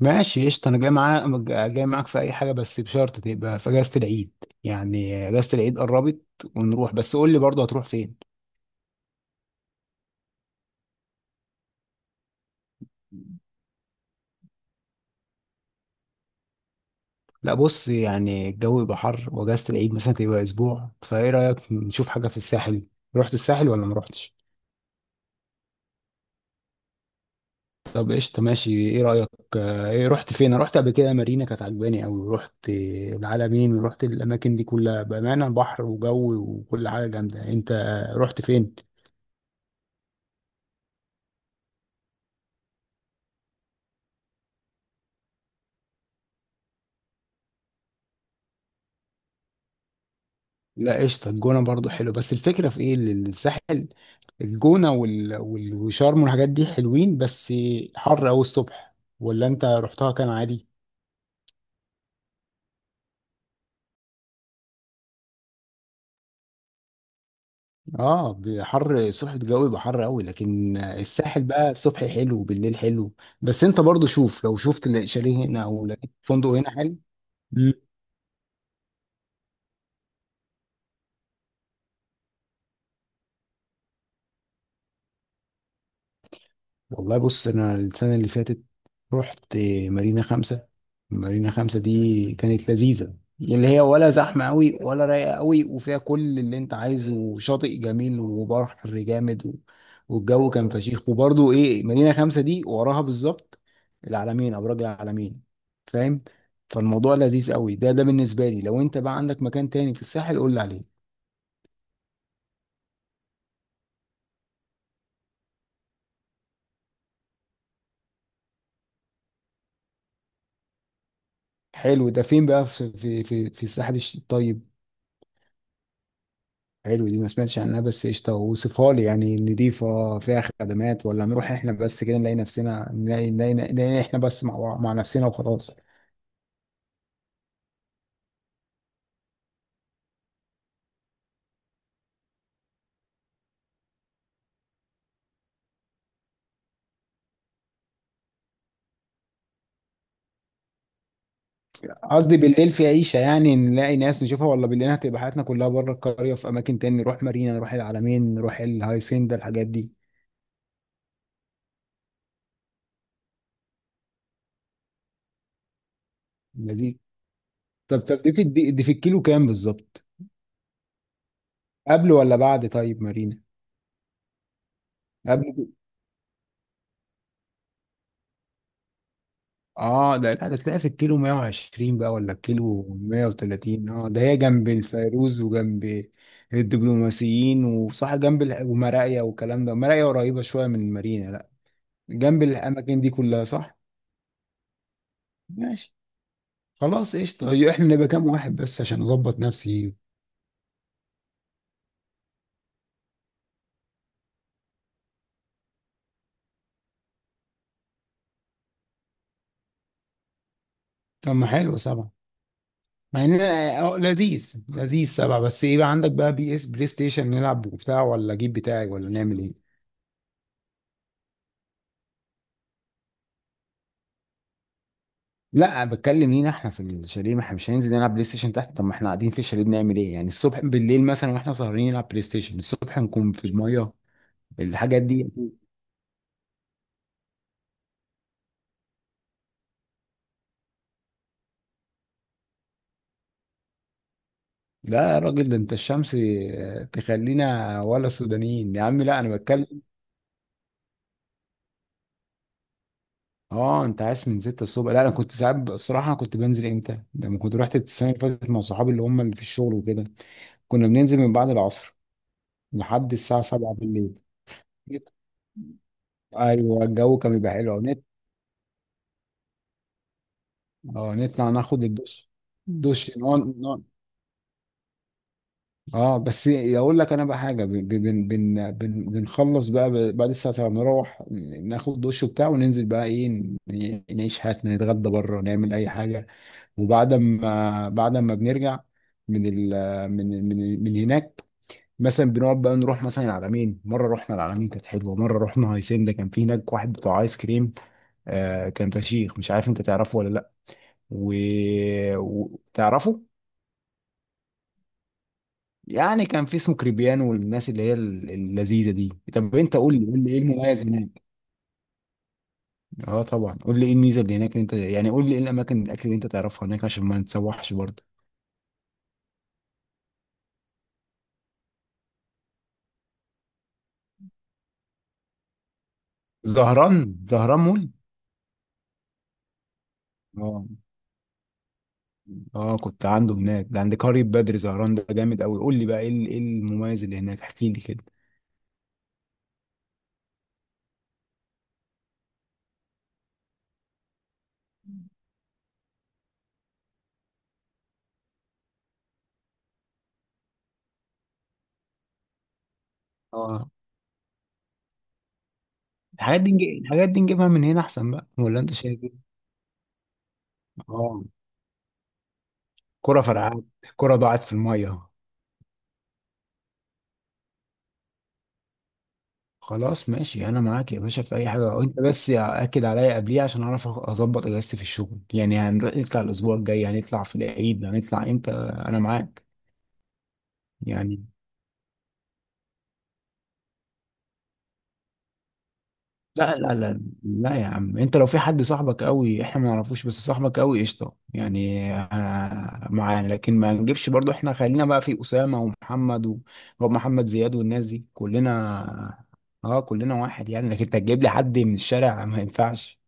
ماشي، قشطة. أنا جاي معاك. جاي معاك في أي حاجة بس بشرط تبقى في أجازة العيد. يعني أجازة العيد قربت ونروح. بس قول لي برضه هتروح فين؟ لا بص، يعني الجو يبقى حر وأجازة العيد مثلا تبقى أسبوع، فإيه رأيك نشوف حاجة في الساحل؟ رحت الساحل ولا ما رحتش؟ طب قشطة، ماشي. إيه رأيك؟ إيه، رحت فين؟ أنا رحت قبل كده مارينا، كانت عجباني أوي. رحت العلمين ورحت الأماكن دي كلها، بأمانة بحر وجو وكل حاجة جامدة. أنت رحت فين؟ لا قشطة، الجونة برضو حلو، بس الفكرة في ايه، الساحل، الجونة وشرم والحاجات دي حلوين، بس حر أوي الصبح. ولا انت رحتها كان عادي؟ اه، بحر الصبح الجو يبقى حر قوي، لكن الساحل بقى الصبح حلو، بالليل حلو. بس انت برضو شوف، لو شفت شاليه هنا او لقيت فندق هنا حلو. والله بص، انا السنه اللي فاتت رحت مارينا خمسة. مارينا خمسة دي كانت لذيذه، اللي هي ولا زحمه قوي ولا رايقه قوي، وفيها كل اللي انت عايزه، وشاطئ جميل وبحر جامد والجو كان فشيخ. وبرضه ايه، مارينا خمسة دي وراها بالظبط العلمين، ابراج العلمين. فاهم؟ فالموضوع لذيذ قوي ده، ده بالنسبه لي. لو انت بقى عندك مكان تاني في الساحل قول لي عليه. حلو. ده فين بقى؟ في في الساحل، الطيب. حلو، دي ما سمعتش عنها. بس قشطة، وصفها لي يعني، نضيفة، فيها خدمات، ولا نروح احنا بس كده نلاقي نفسنا، نلاقي احنا بس مع نفسنا وخلاص؟ قصدي بالليل في عيشة، يعني نلاقي ناس نشوفها، ولا بالليل هتبقى حياتنا كلها بره القرية، في أماكن تاني نروح مارينا، نروح العلمين، نروح الهايسندا الحاجات دي؟ لذيذ. طب دي في، دي في الكيلو كام بالظبط؟ قبل ولا بعد طيب مارينا؟ قبل. اه ده، لا ده تلاقي في الكيلو 120 بقى ولا الكيلو 130. اه ده هي جنب الفيروز وجنب الدبلوماسيين، وصح جنب ومراقيا والكلام ده. مراقيا قريبة شوية من المارينا، لا جنب الأماكن دي كلها، صح؟ ماشي. خلاص قشطة، هي احنا نبقى كام واحد بس عشان أظبط نفسي؟ طب ما حلو سبعة. مع إن أنا- اه لذيذ، لذيذ سبعة. بس ايه بقى عندك بقى بي اس، بلاي ستيشن نلعب وبتاع، ولا أجيب بتاعي، ولا نعمل ايه؟ لا، بتكلم لينا احنا في الشاليه. ما احنا مش هننزل نلعب بلاي ستيشن تحت. طب ما احنا قاعدين في الشاليه بنعمل ايه يعني الصبح، بالليل مثلا واحنا سهرانين نلعب بلاي ستيشن، الصبح نكون في الميه، الحاجات دي. لا يا راجل، ده انت الشمس تخلينا ولا السودانيين يا عم. لا انا بتكلم. اه، انت عايز من 6 الصبح؟ لا انا كنت ساعات الصراحه انا كنت بنزل امتى، لما كنت رحت السنه اللي فاتت مع صحابي، اللي هم اللي في الشغل وكده، كنا بننزل من بعد العصر لحد الساعه 7 بالليل. ايوه، الجو كان بيبقى حلو. اه نطلع ناخد الدش، دش، نقعد نقعد. اه بس اقول لك انا بقى حاجه، بن بن بن بن بنخلص بقى بعد الساعه نروح ناخد دش وبتاع، وننزل بقى ايه، نعيش حياتنا، نتغدى بره، نعمل اي حاجه. وبعد ما، بعد ما بنرجع من من هناك، مثلا بنقعد بقى نروح مثلا العلمين. مره رحنا العلمين كانت حلوه، مره رحنا هيسنده، كان في هناك واحد بتاع ايس كريم، آه كان فشيخ. مش عارف انت تعرفه ولا لا و... وتعرفه. يعني كان في اسمه كريبيانو، والناس اللي هي اللذيذه دي. طب انت قول لي، قول لي ايه المميز هناك؟ اه طبعا قول لي ايه الميزه اللي هناك، اللي انت يعني قول لي ايه الاماكن، الاكل اللي انت تعرفها هناك عشان ما نتسوحش برضه. زهران. زهران مول. اه، اه كنت عنده هناك، ده عند قرية بدر. زهران ده جامد قوي. قول لي بقى ايه ايه المميز اللي هناك، احكي لي كده. اه. الحاجات دي الحاجات دي نجيبها من هنا احسن بقى، ولا انت شايف ايه؟ اه كرة فرقعت، كرة ضاعت في الميه. خلاص ماشي، انا معاك يا باشا في اي حاجه، وانت بس اكد عليا قبليها عشان اعرف اظبط اجازتي في الشغل، يعني هنروح نطلع الاسبوع الجاي، هنطلع في العيد، هنطلع امتى؟ انا معاك. يعني لا لا لا لا يا عم، انت لو في حد صاحبك قوي احنا ما نعرفوش، بس صاحبك قوي قشطه، يعني معانا. لكن ما نجيبش برضو، احنا خلينا بقى في اسامه ومحمد ومحمد زياد والناس دي كلنا. اه كلنا واحد يعني. لكن انت تجيب لي حد من الشارع ما ينفعش.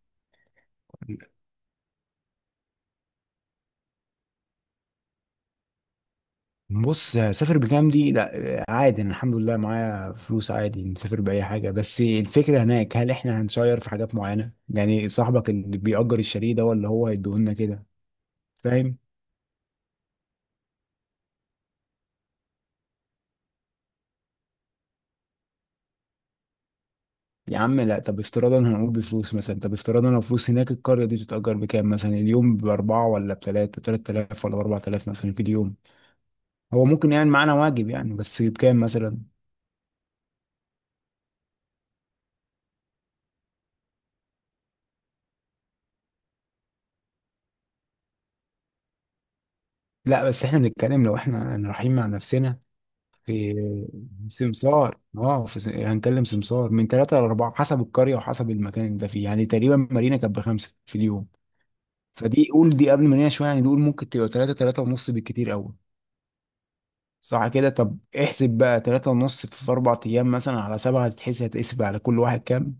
بص، سافر بكام دي، لا عادي أنا الحمد لله معايا فلوس، عادي نسافر بأي حاجة. بس الفكرة هناك، هل احنا هنشير في حاجات معينة يعني، صاحبك اللي بيأجر الشاليه ده ولا هو هيديهولنا كده؟ فاهم. يا عم لا، طب افتراضا هنقول بفلوس مثلا، طب افتراضا لو فلوس، هناك القرية دي بتتأجر بكام مثلا اليوم؟ بأربعة، ولا بتلاتة، 3 آلاف ولا ب4 آلاف مثلا في اليوم؟ هو ممكن يعني معانا واجب يعني، بس بكام مثلا؟ لا بس احنا بنتكلم لو احنا رايحين مع نفسنا. في سمسار، اه في هنكلم سمسار، من ثلاثة لأربعة حسب القرية وحسب المكان اللي انت فيه يعني. تقريبا مارينا كانت بخمسة في اليوم، فدي قول دي قبل مارينا شوية، يعني دي قول ممكن تبقى ثلاثة، ثلاثة ونص بالكتير أوي. صح كده؟ طب احسب بقى ثلاثة ونص في أربع أيام مثلا على سبعة، هتتحسب هتقسم على كل واحد كام؟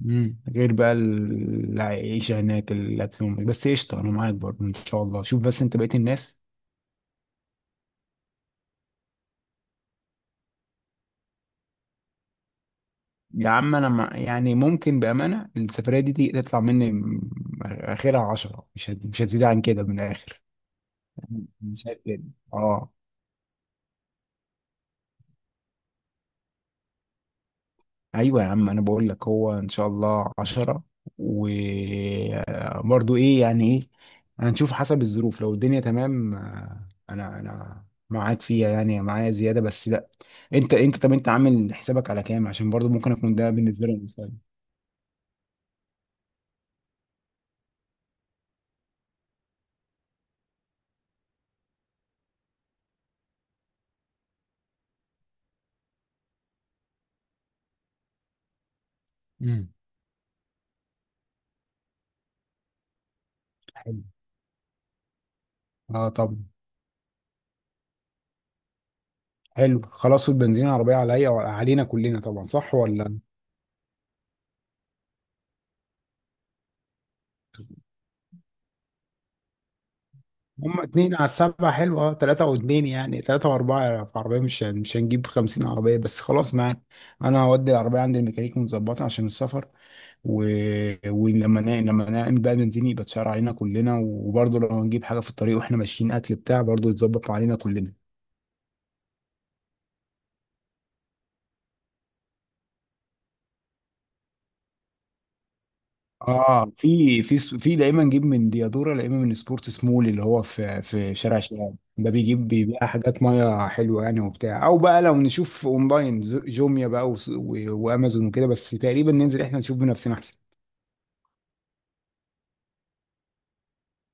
مم. غير بقى العيشة هناك، الأكل بس قشطة أنا معاك برضه إن شاء الله. شوف بس أنت بقيت الناس. يا عم انا ما يعني، ممكن بامانه السفريه دي تطلع مني اخرها 10، مش مش هتزيد عن كده من الاخر. أنا شايف كده. اه ايوه يا عم، انا بقول لك هو ان شاء الله 10، وبرضو ايه يعني ايه، هنشوف حسب الظروف. لو الدنيا تمام انا، انا معاك فيها يعني، معايا زياده. بس لا، انت طب انت عامل حسابك على كام؟ عشان برضو ممكن اكون ده بالنسبه لي مساعد. امم. حلو. اه طبعا. حلو، خلاص. والبنزين العربية عليا، علينا كلنا طبعا، صح ولا؟ هم اتنين على السبعة، حلو. اه، تلاتة واتنين يعني، تلاتة واربعة في عربية. مش مش هنجيب 50 عربية، بس خلاص معاك. انا هودي العربية عند الميكانيك متظبطة عشان السفر و... لما نعمل بقى بنزين يبقى اتشال علينا كلنا. وبرضه لو هنجيب حاجة في الطريق واحنا ماشيين، اكل بتاع، برضه يتظبط علينا كلنا. اه، في في دايما نجيب من ديادوره، دايما من سبورت سمول، اللي هو في في شارع شباب، ده بيجيب بيبيع حاجات ميه حلوه يعني وبتاع، او بقى لو نشوف اونلاين، جوميا بقى وامازون وكده. بس تقريبا ننزل احنا نشوف بنفسنا احسن.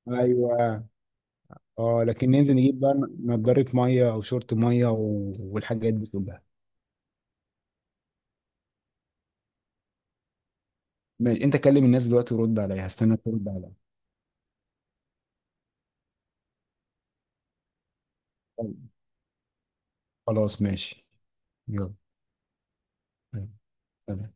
ايوه. اه لكن ننزل نجيب بقى نضاره ميه او شورت ميه و- والحاجات دي كلها. ماشي. انت كلم الناس دلوقتي ورد عليا، هستنى ترد عليا. طيب. خلاص ماشي. يلا. سلام.